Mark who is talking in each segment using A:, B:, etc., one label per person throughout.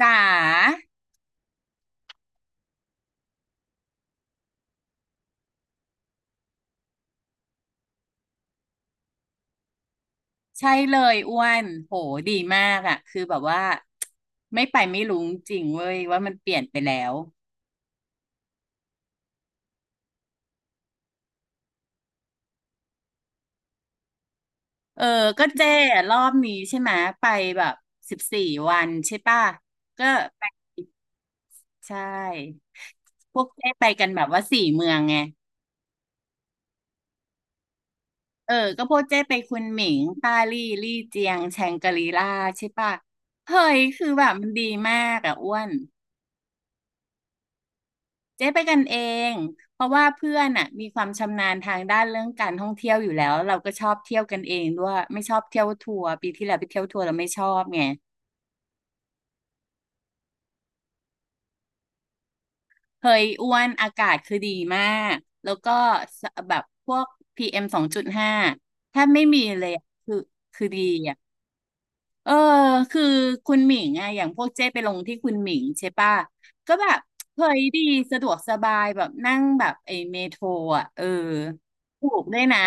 A: จ๋าใช่เลยอ้วนโหดีมากอ่ะคือแบบว่าไม่ไปไม่รู้จริงเว้ยว่ามันเปลี่ยนไปแล้วเออก็เจ้อะรอบนี้ใช่ไหมไปแบบ14 วันใช่ป่ะก็ไปใช่พวกเจ้ไปกันแบบว่าสี่เมืองไงเออก็พวกเจ้ไปคุนหมิงต้าลี่ลี่เจียงแชงกรีล่าใช่ป่ะเฮ้ยคือแบบมันดีมากอ่ะอ้วน เจ๊ไปกันเอง เพราะว่าเพื่อนอ่ะมีความชำนาญทางด้านเรื่องการท่องเที่ยวอยู่แล้วเราก็ชอบเที่ยวกันเองด้วยไม่ชอบเที่ยวทัวร์ปีที่แล้วไปเที่ยวทัวร์เราไม่ชอบไงเฮยอ้วนอากาศคือดีมากแล้วก็แบบพวกPM 2.5ถ้าไม่มีเลยอะคือดีอ่ะ เออคือคุณหมิงไงอย่างพวกเจ้ไปลงที่คุณหมิงใช่ป่ะก็แบบเฮ้ยดีสะดวกสบายแบบนั่งแบบไอ้เมโทรอ่ะเออถูกด้วยนะ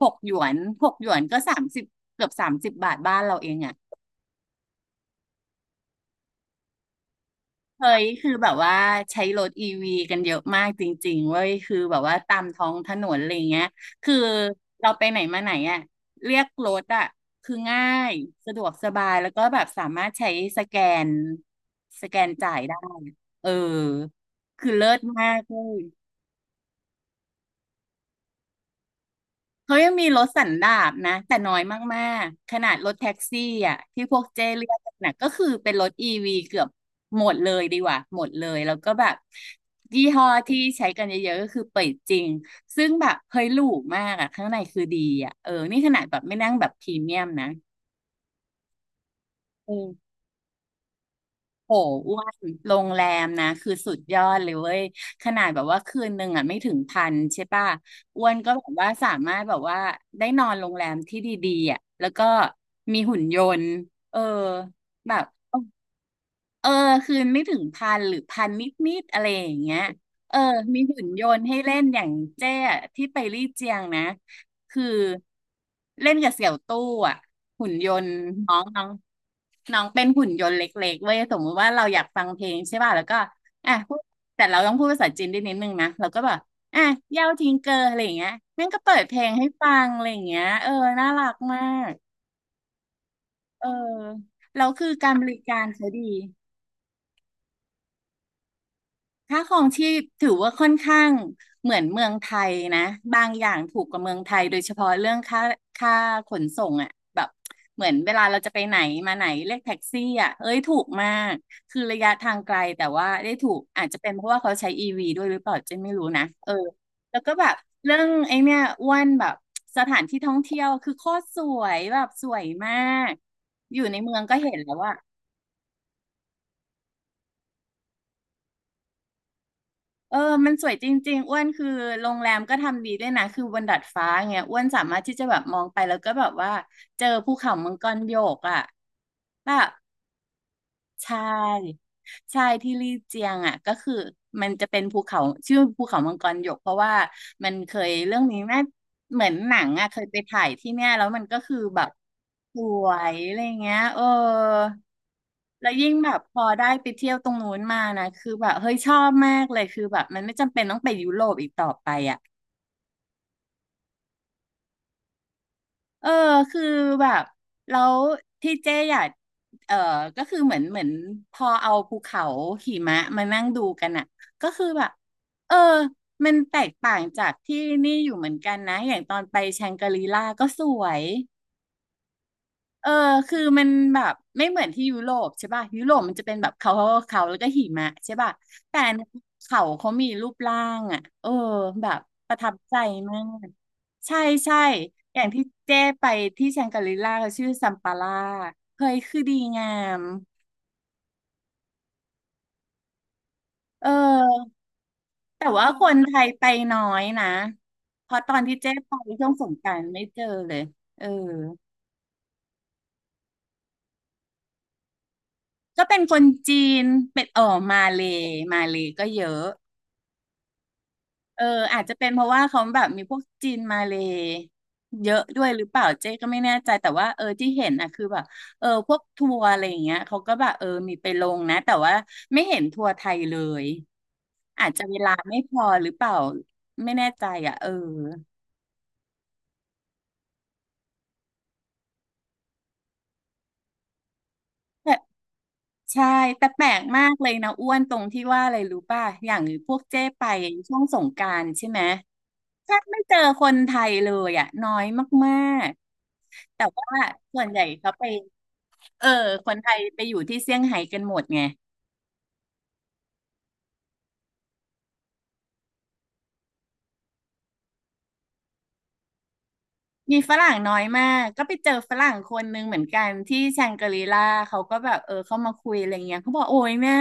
A: หกหยวนหกหยวนก็สามสิบเกือบ30 บาทบ้านเราเองอ่ะ เฮ้ยคือแบบว่าใช้รถอีวีกันเยอะมากจริงๆเว้ยคือแบบว่าตามท้องถนนอะไรเงี้ยคือเราไปไหนมาไหนอ่ะเรียกรถอ่ะคือง่ายสะดวกสบายแล้วก็แบบสามารถใช้สแกนสแกนจ่ายได้เออคือเลิศมากเลย เขายังมีรถสันดาปนะแต่น้อยมากๆขนาดรถแท็กซี่อ่ะที่พวกเจ้เรียกกันนะก็คือเป็นรถอีวีเกือบหมดเลยดีกว่าหมดเลยแล้วก็แบบยี่ห้อที่ใช้กันเยอะๆก็คือเปิดจริงซึ่งแบบเฮ้ยหรูมากอ่ะข้างในคือดีอ่ะเออนี่ขนาดแบบไม่นั่งแบบพรีเมียมนะอ โหอ้วนโรงแรมนะคือสุดยอดเลยเว้ยขนาดแบบว่าคืนหนึ่งอ่ะไม่ถึงพันใช่ป่ะอ้วนก็แบบว่าสามารถแบบว่าได้นอนโรงแรมที่ดีๆอ่ะแล้วก็มีหุ่นยนต์เออแบบ เออคืนไม่ถึงพันหรือพันนิดๆอะไรอย่างเงี้ยเออมีหุ่นยนต์ให้เล่นอย่างเจ้อะที่ไปลี่เจียงนะคือเล่นกับเสี่ยวตู้อ่ะหุ่นยนต์น้องน้องน้องเป็นหุ่นยนต์เล็กๆเว้ยสมมติว่าเราอยากฟังเพลงใช่ป่ะแล้วก็อ่ะพูดแต่เราต้องพูดภาษาจีนได้นิดนึงนะเราก็แบบอ่ะเย่าทิงเกอร์อะไรอย่างเงี้ยแม่งก็เปิดเพลงให้ฟังอะไรอย่างเงี้ยเออน่ารักมากเออแล้วคือการบริการเขาดี ค่าครองชีพถือว่าค่อนข้างเหมือนเมืองไทยนะบางอย่างถูกกว่าเมืองไทยโดยเฉพาะเรื่องค่าขนส่งอ่ะแบบเหมือนเวลาเราจะไปไหนมาไหนเรียกแท็กซี่อ่ะเอ้ยถูกมากคือระยะทางไกลแต่ว่าได้ถูกอาจจะเป็นเพราะว่าเขาใช้อีวีด้วยหรือเปล่าเจนไม่รู้นะเออแล้วก็แบบเรื่องไอ้เนี่ยอ้วนแบบสถานที่ท่องเที่ยวคือโคตรสวยแบบสวยมากอยู่ในเมืองก็เห็นแล้วว่า เออมันสวยจริงๆอ้วนคือโรงแรมก็ทำดีด้วยนะ คือบนดาดฟ้าเงี้ยอ้วนสามารถที่จะแบบมองไปแล้วก็แบบว่าเจอภูเขามังกรโยกอ่ะแบบใช่ใช่ที่ลี่เจียงอ่ะก็คือมันจะเป็นภูเขาชื่อภูเขามังกรโยกเพราะว่ามันเคยเรื่องนี้แม่เหมือนหนังอ่ะเคยไปถ่ายที่เนี่ยแล้วมันก็คือแบบ สวยอะไรเงี้ยเออแล้วยิ่งแบบพอได้ไปเที่ยวตรงนู้นมานะคือแบบเฮ้ยชอบมากเลยคือแบบมันไม่จำเป็นต้องไปยุโรปอีกต่อไปอ่ะเออคือแบบแล้วที่เจ๊อยากเออก็คือเหมือนพอเอาภูเขาหิมะมานั่งดูกันอ่ะก็คือแบบเออมันแตกต่างจากที่นี่อยู่เหมือนกันนะอย่างตอนไปแชงกรีล่าก็สวย เออคือมันแบบไม่เหมือนที่ยุโรปใช่ป่ะยุโรปมันจะเป็นแบบเขาแล้วก็หิมะใช่ป่ะแต่อันนี้เขามีรูปร่างอ่ะเออแบบประทับใจมากใช่ใช่อย่างที่เจ้ไปที่แชงกรีล่าเขาชื่อซัมปาล่าเฮ้ยคือดีงามเออแต่ว่าคนไทยไปน้อยนะเพราะตอนที่เจ๊ไปช่วงสงกรานต์ไม่เจอเลยเออก็เป็นคนจีนเป็นเออมาเลย์มาเลย์ก็เยอะ เอออาจจะเป็นเพราะว่าเขาแบบมีพวกจีนมาเลยเยอะด้วยหรือเปล่าเจ๊ก็ไม่แน่ใจแต่ว่าที่เห็นนะคือแบบพวกทัวร์อะไรอย่างเงี้ยเขาก็แบบมีไปลงนะแต่ว่าไม่เห็นทัวร์ไทยเลยอาจจะเวลาไม่พอหรือเปล่าไม่แน่ใจอ่ะแต่ใช่แต่แปลกมากเลยนะอ้วนตรงที่ว่าอะไรรู้ป่ะอย่างพวกเจ๊ไปช่วงสงกรานต์ใช่ไหมแทบไม่เจอคนไทยเลยอ่ะน้อยมาก แต่ว่าส่วนใหญ่เขาไปเออคนไทยไปอยู่ที่เซี่ยงไฮ้กันหมดไงมีฝรั่งน้อยมากก็ไปเจอฝรั่งคนนึงเหมือนกันที่แชงกรีลาเขาก็แบบเข้ามาคุยอะไรเงี้ยเขาบอกโอ้ยแม่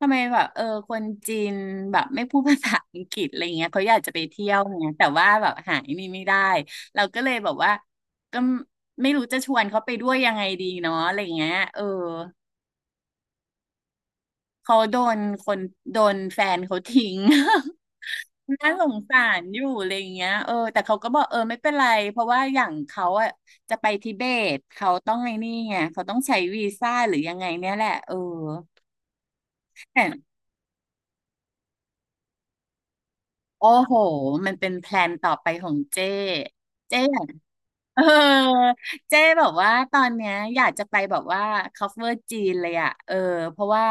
A: ทำไมแบบคนจีนแบบไม่พูดภาษาอังกฤษอะไรเงี้ยเขาอยากจะไปเที่ยวไงแต่ว่าแบบหายนี่ไม่ได้เราก็เลยแบบว่าก็ไม่รู้จะชวนเขาไปด้วยยังไงดีเนาะอะไรเงี้ยเขาโดนคนโดนแฟนเขาทิ้ง น่าสงสารอยู่อะไรอย่างเงี้ยแต่เขาก็บอกไม่เป็นไรเพราะว่าอย่างเขาอ่ะจะไปทิเบตเขาต้องไอ้นี่ไงเขาต้องใช้วีซ่าหรือยังไงเนี่ยแหละแต่โอ้โหมันเป็นแพลนต่อไปของเจ้เจ้อยาก เออเจ๊แบบว่าตอนเนี้ยอยากจะไปแบบว่า cover จีนเลยอ่ะเพราะว่า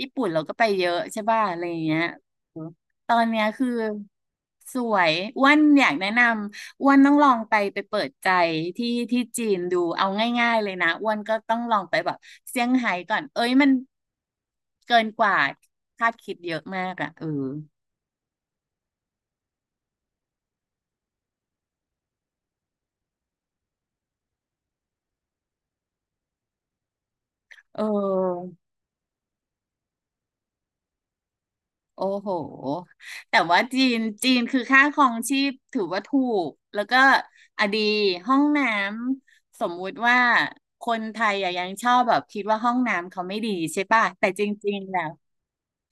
A: ญี่ปุ่นเราก็ไปเยอะใช่ป่ะอะไรอย่างเงี้ยอืมตอนเนี้ยคือสวยอ้วันอยากแนะนำอ้วันต้องลองไปไปเปิดใจที่ที่จีนดูเอาง่ายๆเลยนะอ้วันก็ต้องลองไปแบบเซี่ยงไฮ้ก่อนเอ้ยมันเกินกว่าคาดคิดเยอะมากอ่ะเออ โอ้โห แต่ว่าจีนคือค่าครองชีพถือว่าถูก แล้วก็อะดีห้องน้ำสมมุติว่าคนไทยอะยังชอบแบบคิดว่าห้องน้ำเขาไม่ดีใช่ป่ะแต่จริงๆแล้ว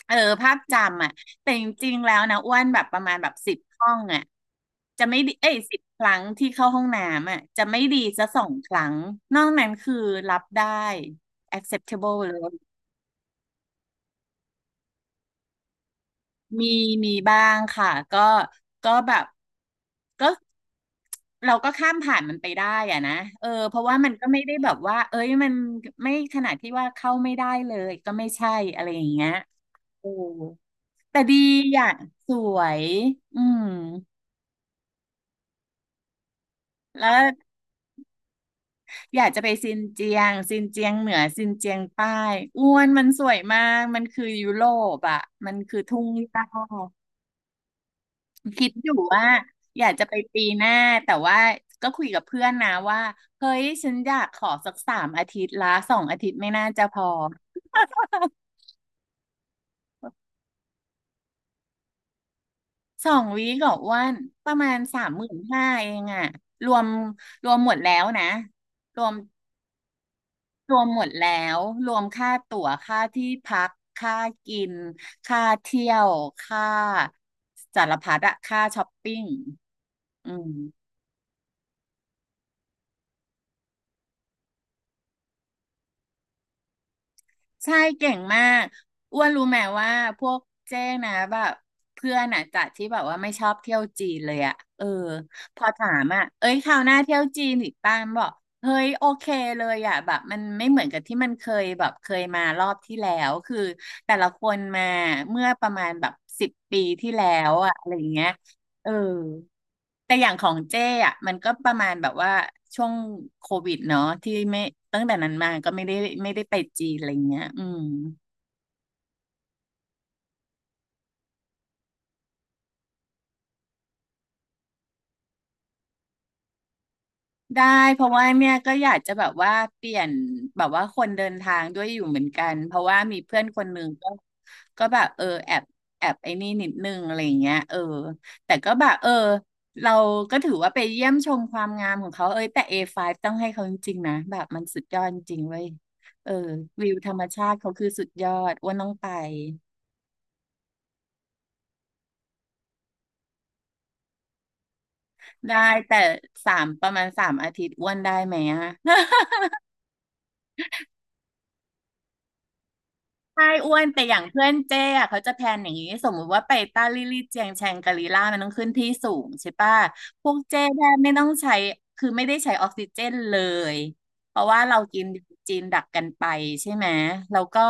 A: เออภาพจำอ่ะแต่จริงๆแล้วนะอ้วนแบบประมาณแบบ10 ห้องอ่ะจะไม่ดีเอ้ย10 ครั้งที่เข้าห้องน้ำอ่ะจะไม่ดีจะ2 ครั้งนอกนั้นคือรับได้ acceptable เลย มีมีบ้างค่ะก็ก็แบบก็เราก็ข้ามผ่านมันไปได้อะนะเพราะว่ามันก็ไม่ได้แบบว่าเอ้ยมันไม่ขนาดที่ว่าเข้าไม่ได้เลยก็ไม่ใช่อะไรอย่างเงี้ยโอ้แต่ดีอ่ะสวยอืมแล้วอยากจะไปซินเจียงซินเจียงเหนือซินเจียงใต้อ้วนมันสวยมากมันคือยุโรปอ่ะมันคือทุ่งหญ้า คิดอยู่ว่าอยากจะไปปีหน้าแต่ว่าก็คุยกับเพื่อนนะว่าเฮ้ยฉันอยากขอสักสามอาทิตย์ละ2 อาทิตย์ไม่น่าจะพอ2 วีคกับว่านประมาณ35,000เองอะรวมรวมหมดแล้วนะรวมรวมหมดแล้วรวมค่าตั๋วค่าที่พักค่ากินค่าเที่ยวค่าสารพัดอะค่าช้อปปิ้งอืม ใช่เก่งมากอ้วนรู้ไหมว่าพวกเจ้นะแบบเพื่อนอ่ะจากที่แบบว่าไม่ชอบเที่ยวจีนเลยอ่ะพอถามอ่ะเอ้ยคราวหน้าเที่ยวจีนอีกป้ามนบอกเฮ้ยโอเคเลยอ่ะแบบมันไม่เหมือนกับที่มันเคยแบบเคยมารอบที่แล้วคือแต่ละคนมาเมื่อประมาณแบบ10 ปีที่แล้วอ่ะอะไรอย่างเงี้ยเออ แต่อย่างของเจ้อะมันก็ประมาณแบบว่าช่วงโควิดเนาะที่ไม่ตั้งแต่นั้นมาก็ไม่ได้ไปจีนอะไรเงี้ยอืม ได้เพราะว่าเนี่ยก็อยากจะแบบว่าเปลี่ยนแบบว่าคนเดินทางด้วยอยู่เหมือนกันเพราะว่ามีเพื่อนคนหนึ่งก็ก็แบบแอบแอบไอ้นี่นิดนึงอะไรอย่างเงี้ยแต่ก็แบบเราก็ถือว่าไปเยี่ยมชมความงามของเขาเอ้ยแต่ A5 ต้องให้เขาจริงๆนะแบบมันสุดยอดจริงเว้ยเออวิวธรรมชาติเขาคือสุดยอดอ้วนต้องไปได้แต่สามประมาณสามอาทิตย์อ้วนได้ไหมอะ ใช่อ้วนแต่อย่างเพื่อนเจ้อะเขาจะแพลนอย่างนี้สมมุติว่าไปต้าลี่ลี่เจียงแชงกาลีล่ามันต้องขึ้นที่สูงใช่ปะพวกเจ้แทบไม่ต้องใช้คือไม่ได้ใช้ออกซิเจนเลยเพราะว่าเรากินจีนดักกันไปใช่ไหมแล้วก็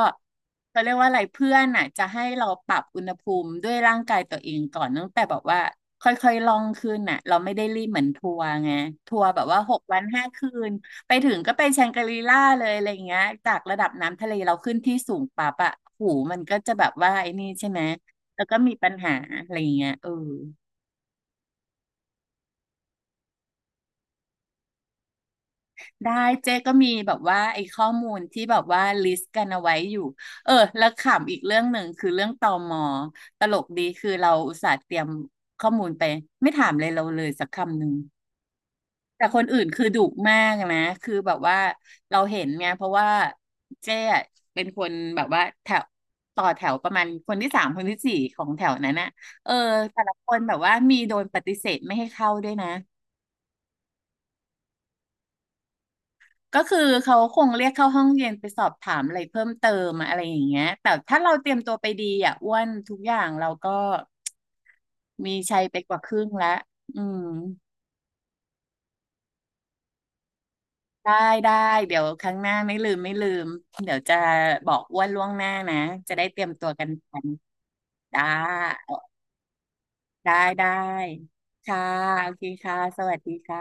A: เขาเรียกว่าอะไรเพื่อนอะจะให้เราปรับอุณหภูมิด้วยร่างกายตัวเองก่อนตั้งแต่แบอกว่าค่อยๆล่องขึ้นน่ะเราไม่ได้รีบเหมือนทัวร์ไงทัวร์แบบว่า6 วัน 5 คืน ไปถึงก็เป็นแชงกรีล่าเลยอะไรอย่างเงี้ยจากระดับน้ำทะเลเราขึ้นที่สูงปั๊บอะหูมันก็จะแบบว่าไอ้นี่ใช่ไหมแล้วก็มีปัญหาอะไรอย่างเงี้ยได้เจ๊ก็มีแบบว่าไอ้ข้อมูลที่แบบว่าลิสต์กันเอาไว้อยู่แล้วขำอีกเรื่องหนึ่งคือเรื่องตมตลกดีคือเราอุตส่าห์เตรียมข้อมูลไปไม่ถามเลยเราเลยสักคำหนึ่ง แต่คนอื่นคือดุมากนะคือแบบว่าเราเห็นไงเพราะว่าเจ๊อะเป็นคนแบบว่าแถวต่อแถวประมาณคนที่สามคนที่สี่ของแถวนั้นน่ะเออแต่ละคนแบบว่ามีโดนปฏิเสธไม่ให้เข้าด้วยนะก็คือเขาคงเรียกเข้าห้องเรียนไปสอบถามอะไรเพิ่มเติมอะไรอย่างเงี้ยแต่ถ้าเราเตรียมตัวไปดีอ่ะอ้วนทุกอย่างเราก็มีชัยไปกว่าครึ่งละอืม ได้ได้เดี๋ยวครั้งหน้าไม่ลืมไม่ลืมเดี๋ยวจะบอกอ้วนล่วงหน้านะจะได้เตรียมตัวกันทันได้ได้ได้ค่ะโอเคค่ะสวัสดีค่ะ